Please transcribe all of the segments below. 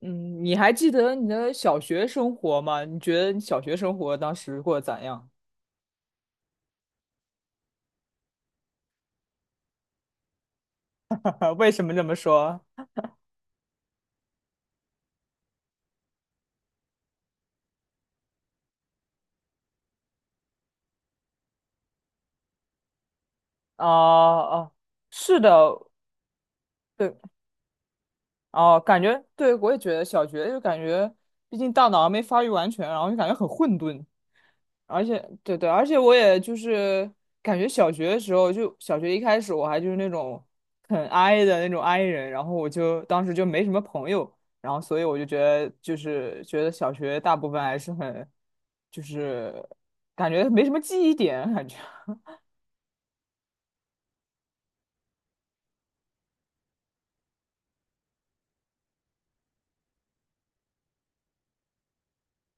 嗯，你还记得你的小学生活吗？你觉得你小学生活当时过得咋样？为什么这么说？哦哦，是的，对，哦，感觉对我也觉得小学就感觉，毕竟大脑还没发育完全，然后就感觉很混沌。而且对，而且我也就是感觉小学的时候，就小学一开始我还就是那种很 i 的那种 i 人，然后我就当时就没什么朋友，然后所以我就觉得就是觉得小学大部分还是很就是感觉没什么记忆点感觉。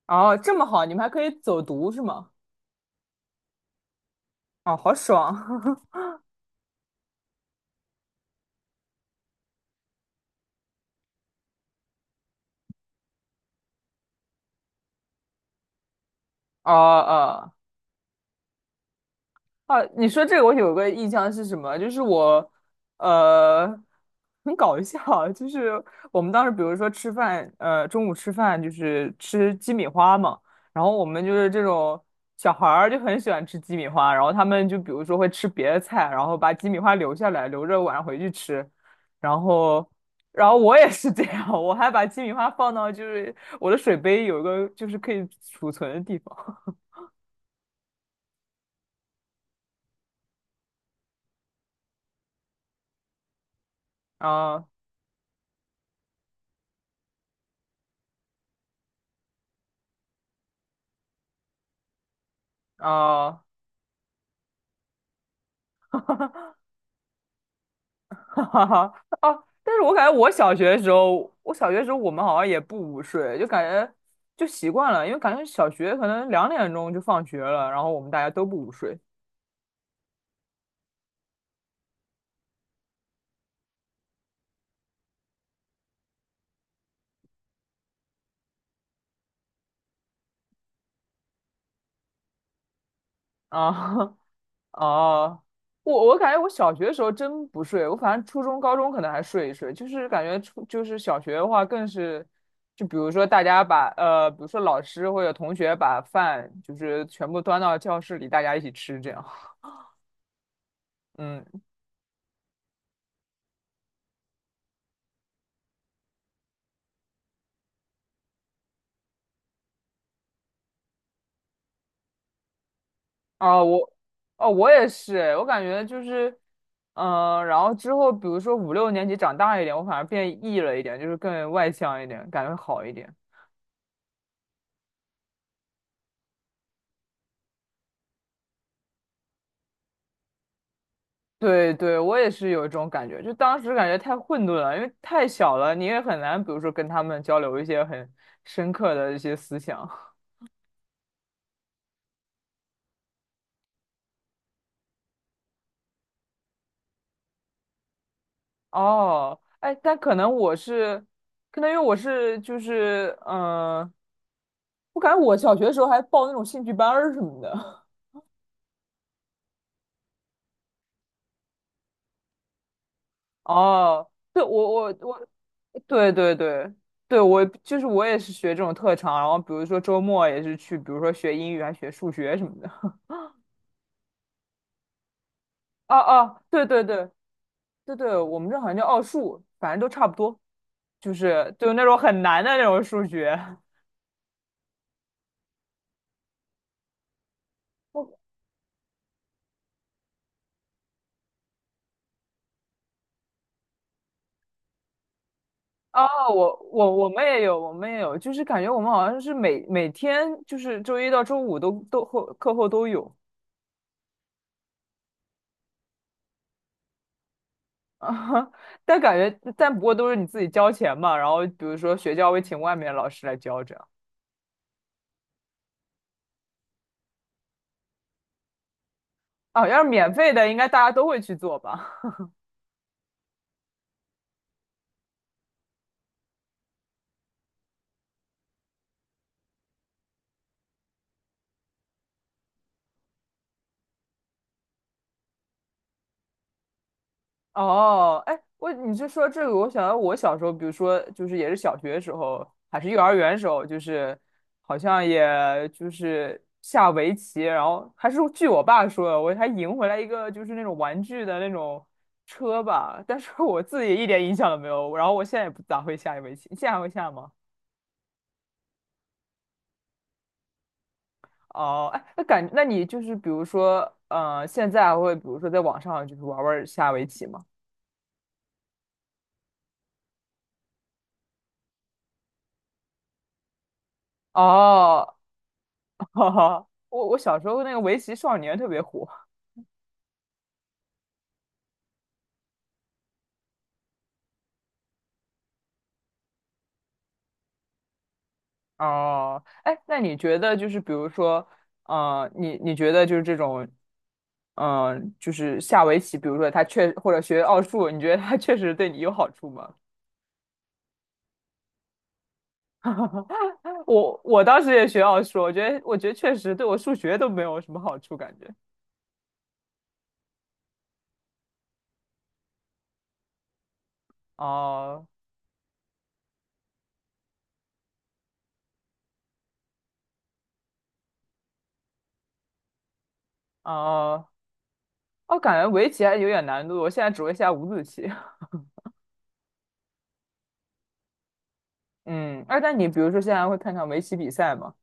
哦，这么好，你们还可以走读是吗？哦，好爽！哦哦。啊，你说这个我有个印象是什么？就是我，呃，很搞笑啊就是我们当时比如说吃饭，中午吃饭就是吃鸡米花嘛，然后我们就是这种小孩儿就很喜欢吃鸡米花，然后他们就比如说会吃别的菜，然后把鸡米花留下来，留着晚上回去吃，然后，然后我也是这样，我还把鸡米花放到就是我的水杯有一个就是可以储存的地方啊啊。哈哈，啊！但是我感觉我小学的时候，我小学的时候我们好像也不午睡，就感觉就习惯了，因为感觉小学可能两点钟就放学了，然后我们大家都不午睡啊。 啊，我感觉我小学的时候真不睡，我反正初中、高中可能还睡一睡，就是感觉初就是小学的话更是，就比如说大家把比如说老师或者同学把饭就是全部端到教室里，大家一起吃这样，嗯。啊，我，哦，我也是，我感觉就是，然后之后，比如说五六年级长大一点，我反而变 E 了一点，就是更外向一点，感觉好一点。对，我也是有一种感觉，就当时感觉太混沌了，因为太小了，你也很难，比如说跟他们交流一些很深刻的一些思想。哦，哎，但可能我是，可能因为我是就是，我感觉我小学的时候还报那种兴趣班儿什么的。哦，对，我对对对，对，我就是我也是学这种特长，然后比如说周末也是去，比如说学英语还学数学什么的。哦哦，对对对对，对，我们这好像叫奥数，反正都差不多，就是就那种很难的那种数学。我哦，我们也有，我们也有，就是感觉我们好像是每天就是周一到周五都课后都有啊，但感觉但不过都是你自己交钱嘛，然后比如说学校会请外面的老师来教这样。哦，要是免费的，应该大家都会去做吧？哦，哎，我你是说这个，我想到我小时候，比如说就是也是小学时候，还是幼儿园时候，就是好像也就是下围棋，然后还是据我爸说的，我还赢回来一个就是那种玩具的那种车吧，但是我自己一点影响都没有，然后我现在也不咋会下围棋，你现在还会下吗？哦，哎，那感，那你就是比如说，现在还会比如说在网上就是玩玩下围棋吗？哦。 哈哈，我小时候那个围棋少年特别火哦。哎，那你觉得就是比如说，你你觉得就是这种，就是下围棋，比如说他确或者学奥数，你觉得他确实对你有好处吗？我当时也学奥数，我觉得我觉得确实对我数学都没有什么好处，感觉。哦哦哦，我感觉围棋还有点难度，我现在只会下五子棋。嗯，哎，那你比如说现在会看看围棋比赛吗？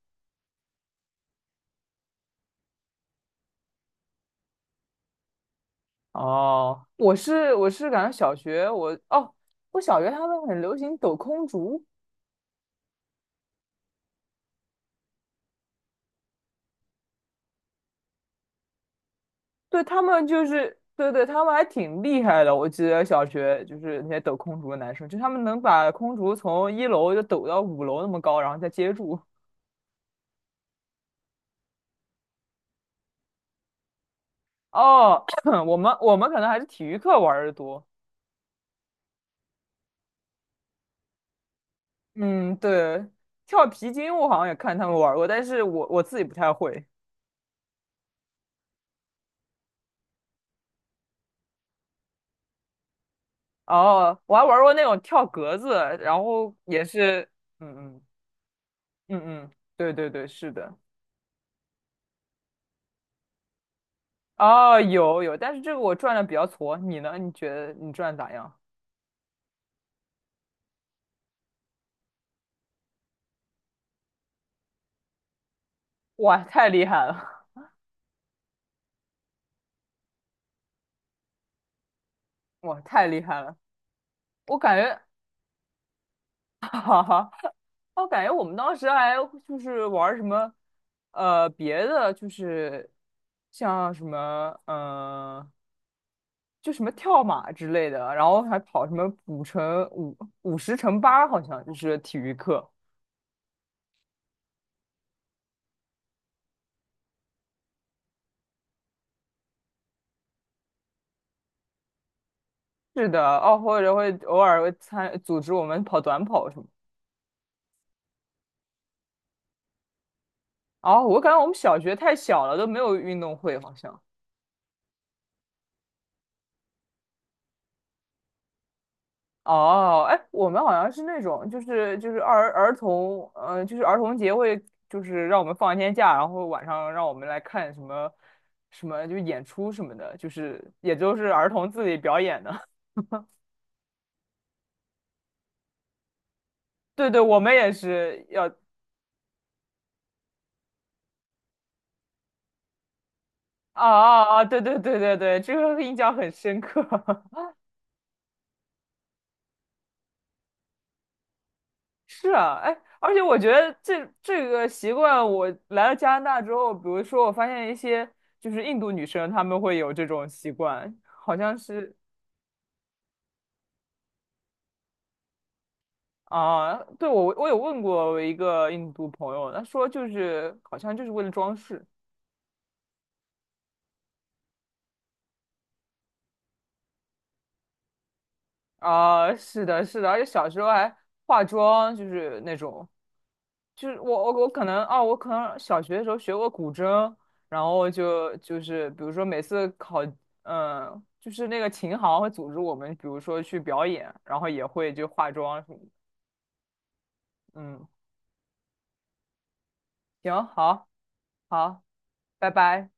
哦，我是感觉小学我哦，我小学他们很流行抖空竹，对他们就是对对，他们还挺厉害的。我记得小学就是那些抖空竹的男生，就他们能把空竹从一楼就抖到五楼那么高，然后再接住。哦，我们可能还是体育课玩的多。嗯，对，跳皮筋我好像也看他们玩过，但是我自己不太会。哦，我还玩过那种跳格子，然后也是，嗯嗯。嗯嗯，对对对，是的。哦，有有，但是这个我转的比较矬，你呢？你觉得你转的咋样？哇，太厉害了！哇，太厉害了！我感觉，哈哈，我感觉我们当时还就是玩儿什么，别的就是像什么，就什么跳马之类的，然后还跑什么五乘五五十乘八，好像就是体育课。是的，哦，或者会偶尔会参组织我们跑短跑什么的哦，我感觉我们小学太小了，都没有运动会，好像。哦，哎，我们好像是那种，就是就是儿儿童，呃，就是儿童节会，就是让我们放一天假，然后晚上让我们来看什么什么，就是演出什么的，就是也就是儿童自己表演的。对对，我们也是要，啊啊，对对对，对，对，这个印象很深刻。是啊，哎，而且我觉得这个习惯，我来了加拿大之后，比如说我发现一些就是印度女生，她们会有这种习惯，好像是啊，对，我有问过我一个印度朋友，他说就是好像就是为了装饰啊，是的，是的，而且小时候还化妆，就是那种就是我可能哦，我可能小学的时候学过古筝，然后就就是比如说每次考，嗯，就是那个琴行会组织我们，比如说去表演，然后也会就化妆什么的嗯，行，好，好，拜拜。